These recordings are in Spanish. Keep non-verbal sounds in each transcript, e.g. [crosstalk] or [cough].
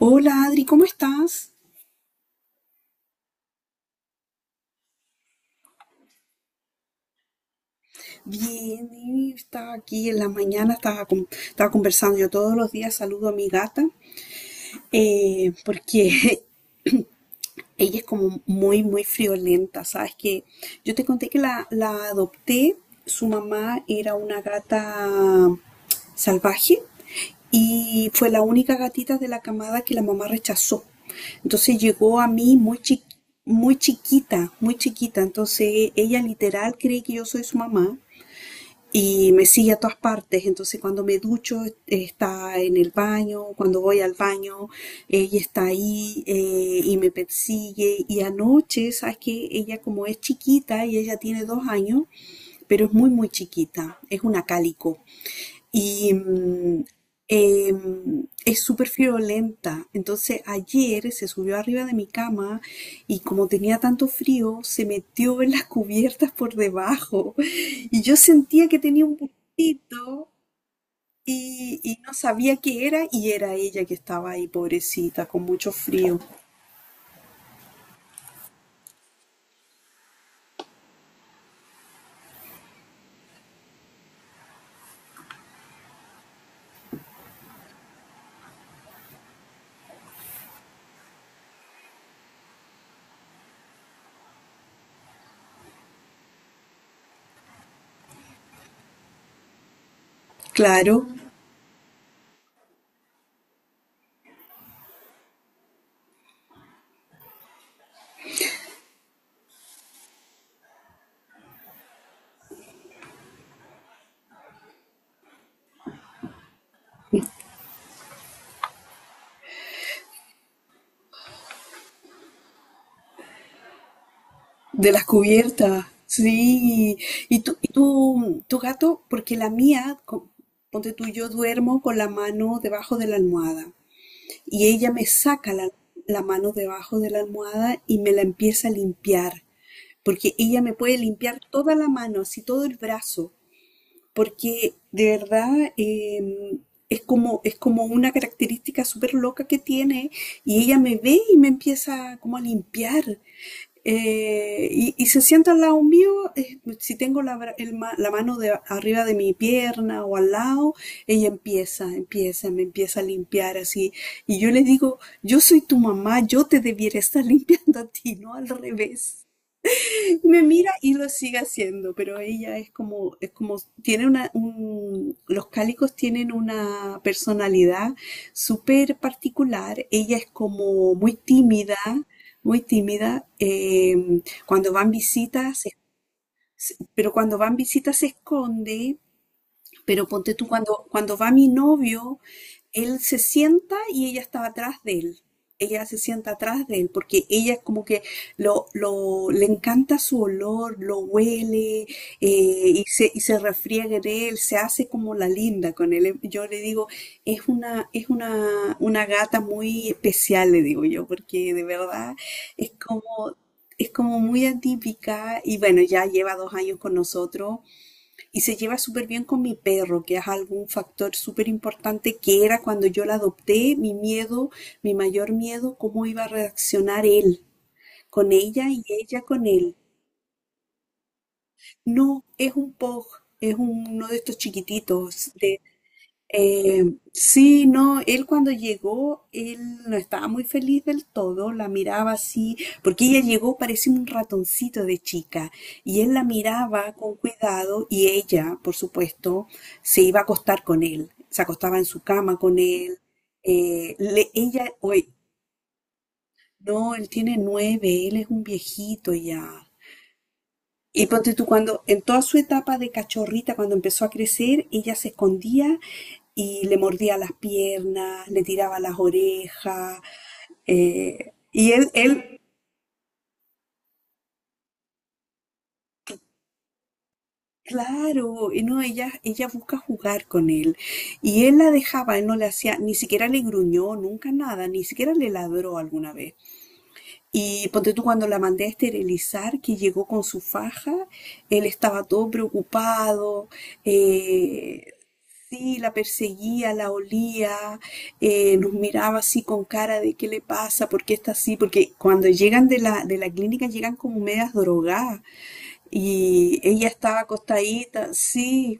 Hola Adri, ¿cómo estás? Bien, y estaba aquí en la mañana, estaba conversando. Yo todos los días saludo a mi gata porque [laughs] ella es como muy, muy friolenta, ¿sabes? Que yo te conté que la adopté, su mamá era una gata salvaje y fue la única gatita de la camada que la mamá rechazó. Entonces llegó a mí muy chiquita, muy chiquita. Entonces ella literal cree que yo soy su mamá y me sigue a todas partes. Entonces cuando me ducho está en el baño, cuando voy al baño ella está ahí y me persigue. Y anoche, sabes que ella como es chiquita y ella tiene 2 años, pero es muy muy chiquita, es una cálico. Y eh, es súper friolenta. Entonces ayer se subió arriba de mi cama y como tenía tanto frío, se metió en las cubiertas por debajo y yo sentía que tenía un gustito y no sabía qué era y era ella que estaba ahí, pobrecita, con mucho frío. Claro, de las cubiertas. Sí, tu gato, porque la mía, ponte tú, yo duermo con la mano debajo de la almohada. Y ella me saca la mano debajo de la almohada y me la empieza a limpiar, porque ella me puede limpiar toda la mano, así todo el brazo porque de verdad es como una característica súper loca que tiene y ella me ve y me empieza como a limpiar. Y se sienta al lado mío. Si tengo la, bra- el ma- la mano de, arriba de mi pierna o al lado, ella me empieza a limpiar así. Y yo le digo, yo soy tu mamá, yo te debiera estar [laughs] limpiando a ti, no al revés. Me mira y lo sigue haciendo, pero ella es como, tiene una, un- los cálicos tienen una personalidad súper particular. Ella es como muy tímida, muy tímida. Cuando van visitas, se- se- Pero cuando van visitas se esconde. Pero ponte tú, cuando, cuando va mi novio, él se sienta y ella estaba atrás de él. Ella se sienta atrás de él porque ella como que le encanta su olor, lo huele. Y se, y se refriega en él, se hace como la linda con él. Yo le digo, es una, una gata muy especial, le digo yo, porque de verdad es como, es como muy atípica y bueno, ya lleva 2 años con nosotros y se lleva súper bien con mi perro, que es algún factor súper importante, que era, cuando yo la adopté, mi miedo, mi mayor miedo, cómo iba a reaccionar él con ella y ella con él. No, es un pug, uno de estos chiquititos de eh, sí. No, él cuando llegó, él no estaba muy feliz del todo, la miraba así, porque ella llegó parecía un ratoncito de chica, y él la miraba con cuidado y ella, por supuesto, se iba a acostar con él, se acostaba en su cama con él. eh, le- ella, hoy, no, él tiene 9, él es un viejito ya. Y ponte tú cuando, en toda su etapa de cachorrita, cuando empezó a crecer, ella se escondía y le mordía las piernas, le tiraba las orejas. eh, y él, él, claro, y no, ella busca jugar con él. Y él la dejaba, él no le hacía, ni siquiera le gruñó, nunca nada, ni siquiera le ladró alguna vez. Y ponte tú cuando la mandé a esterilizar, que llegó con su faja, él estaba todo preocupado. eh, sí, la perseguía, la olía. Nos miraba así con cara de qué le pasa, por qué está así, porque cuando llegan de la clínica llegan como medias drogadas y ella estaba acostadita, sí.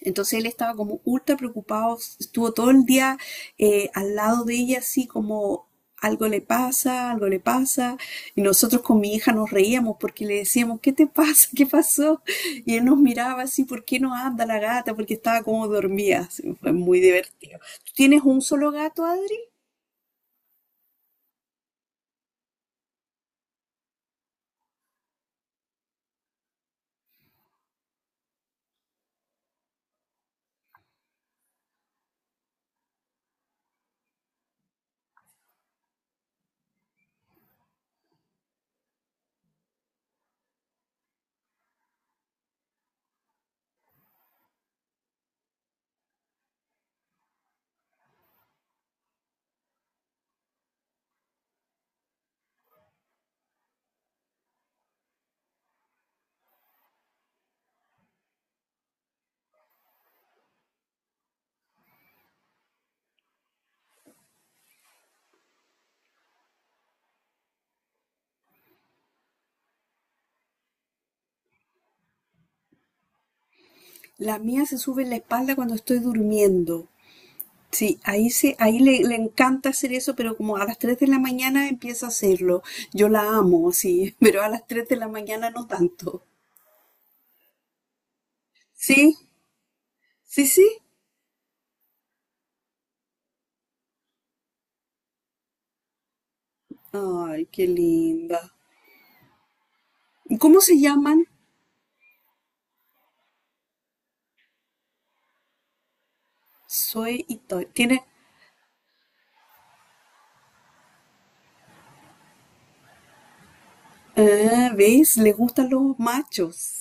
Entonces él estaba como ultra preocupado, estuvo todo el día al lado de ella, así como algo le pasa, algo le pasa. Y nosotros con mi hija nos reíamos porque le decíamos, ¿qué te pasa? ¿Qué pasó? Y él nos miraba así, ¿por qué no anda la gata? Porque estaba como dormida, así. Fue muy divertido. ¿Tú tienes un solo gato, Adri? La mía se sube en la espalda cuando estoy durmiendo. Sí, ahí, le encanta hacer eso, pero como a las 3 de la mañana empieza a hacerlo. Yo la amo, sí, [laughs] pero a las 3 de la mañana no tanto. Sí, sí, sí. Ay, qué linda. ¿Y cómo se llaman? Soy y Toy. Tiene, ah, ¿ves? Le gustan los machos.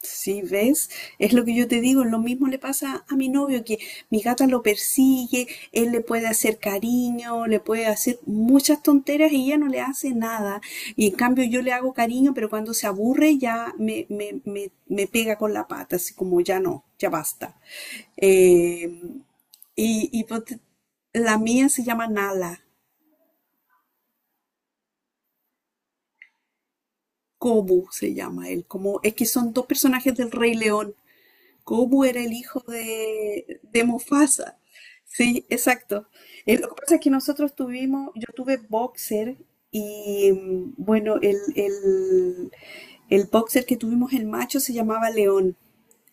Sí, ¿ves? Es lo que yo te digo, lo mismo le pasa a mi novio, que mi gata lo persigue, él le puede hacer cariño, le puede hacer muchas tonteras y ella no le hace nada. Y en cambio yo le hago cariño, pero cuando se aburre ya me pega con la pata, así como ya no, ya basta. Eh, y y ponte- la mía se llama Nala. Kobu se llama él, como es que son dos personajes del Rey León. Goku era el hijo de Mufasa. Sí, exacto. Lo que pasa es que nosotros tuvimos, yo tuve boxer y bueno, el boxer que tuvimos, el macho, se llamaba León.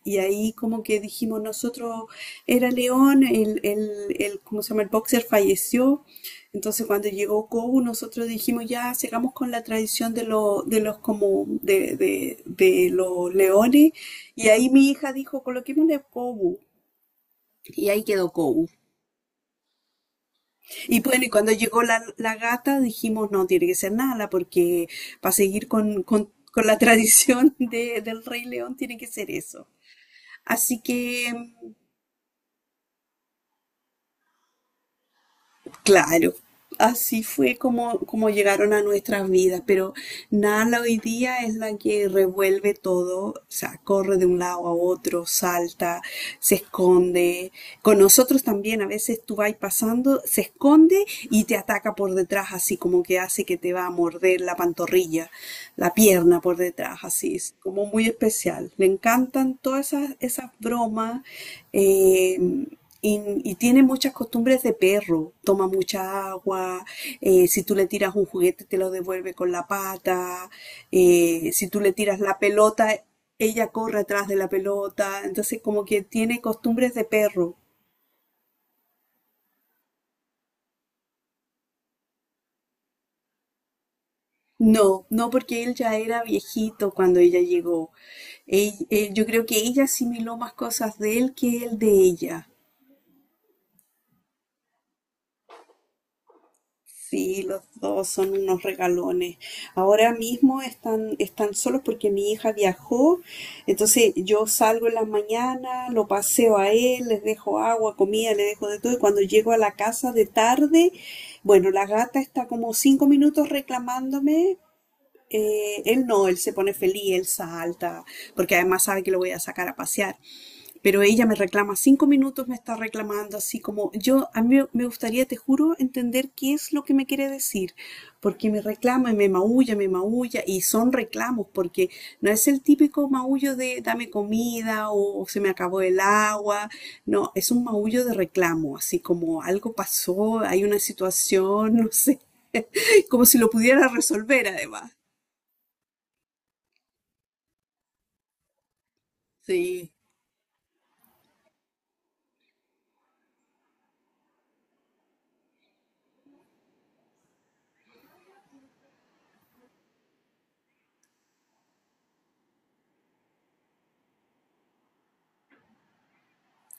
Y ahí como que dijimos nosotros, era León, ¿cómo se llama? El boxer falleció. Entonces cuando llegó Kobu, nosotros dijimos, ya, sigamos con la tradición de, lo- de los como de los leones. Y ahí mi hija dijo, coloquémosle Kobu. Y ahí quedó Kobu. Y bueno, y cuando llegó la, la gata, dijimos, no, tiene que ser Nala, porque para seguir con, con la [laughs] tradición del Rey León tiene que ser eso. Así que claro, así fue como llegaron a nuestras vidas, pero Nala hoy día es la que revuelve todo, o sea, corre de un lado a otro, salta, se esconde, con nosotros también a veces tú vas pasando, se esconde y te ataca por detrás, así como que hace que te va a morder la pantorrilla, la pierna por detrás, así, es como muy especial. Le encantan todas esas bromas. eh, y, y tiene muchas costumbres de perro, toma mucha agua. Si tú le tiras un juguete te lo devuelve con la pata. Si tú le tiras la pelota, ella corre atrás de la pelota, entonces como que tiene costumbres de perro. No, no porque él ya era viejito cuando ella llegó. Yo creo que ella asimiló más cosas de él que él de ella. Sí, los dos son unos regalones. Ahora mismo están, están solos porque mi hija viajó, entonces yo salgo en la mañana, lo paseo a él, les dejo agua, comida, le dejo de todo, y cuando llego a la casa de tarde, bueno, la gata está como 5 minutos reclamándome. Él no, él se pone feliz, él salta, porque además sabe que lo voy a sacar a pasear. Pero ella me reclama 5 minutos, me está reclamando así como yo, a mí me gustaría, te juro, entender qué es lo que me quiere decir, porque me reclama y me maulla, y son reclamos, porque no es el típico maullo de dame comida o, se me acabó el agua, no, es un maullo de reclamo, así como algo pasó, hay una situación, [laughs] no sé, como si lo pudiera resolver además. Sí.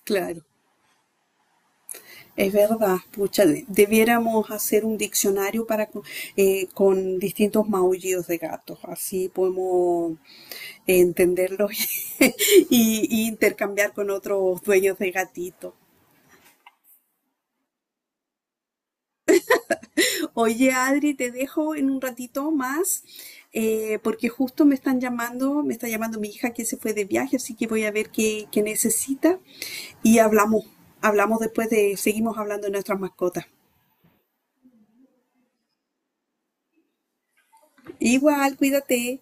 Claro, es verdad, pucha, debiéramos hacer un diccionario con distintos maullidos de gatos, así podemos entenderlos [laughs] y intercambiar con otros dueños de gatito. Oye, Adri, te dejo en un ratito más, porque justo me están llamando, me está llamando mi hija que se fue de viaje, así que voy a ver qué, qué necesita y hablamos, seguimos hablando de nuestras mascotas. Igual, cuídate.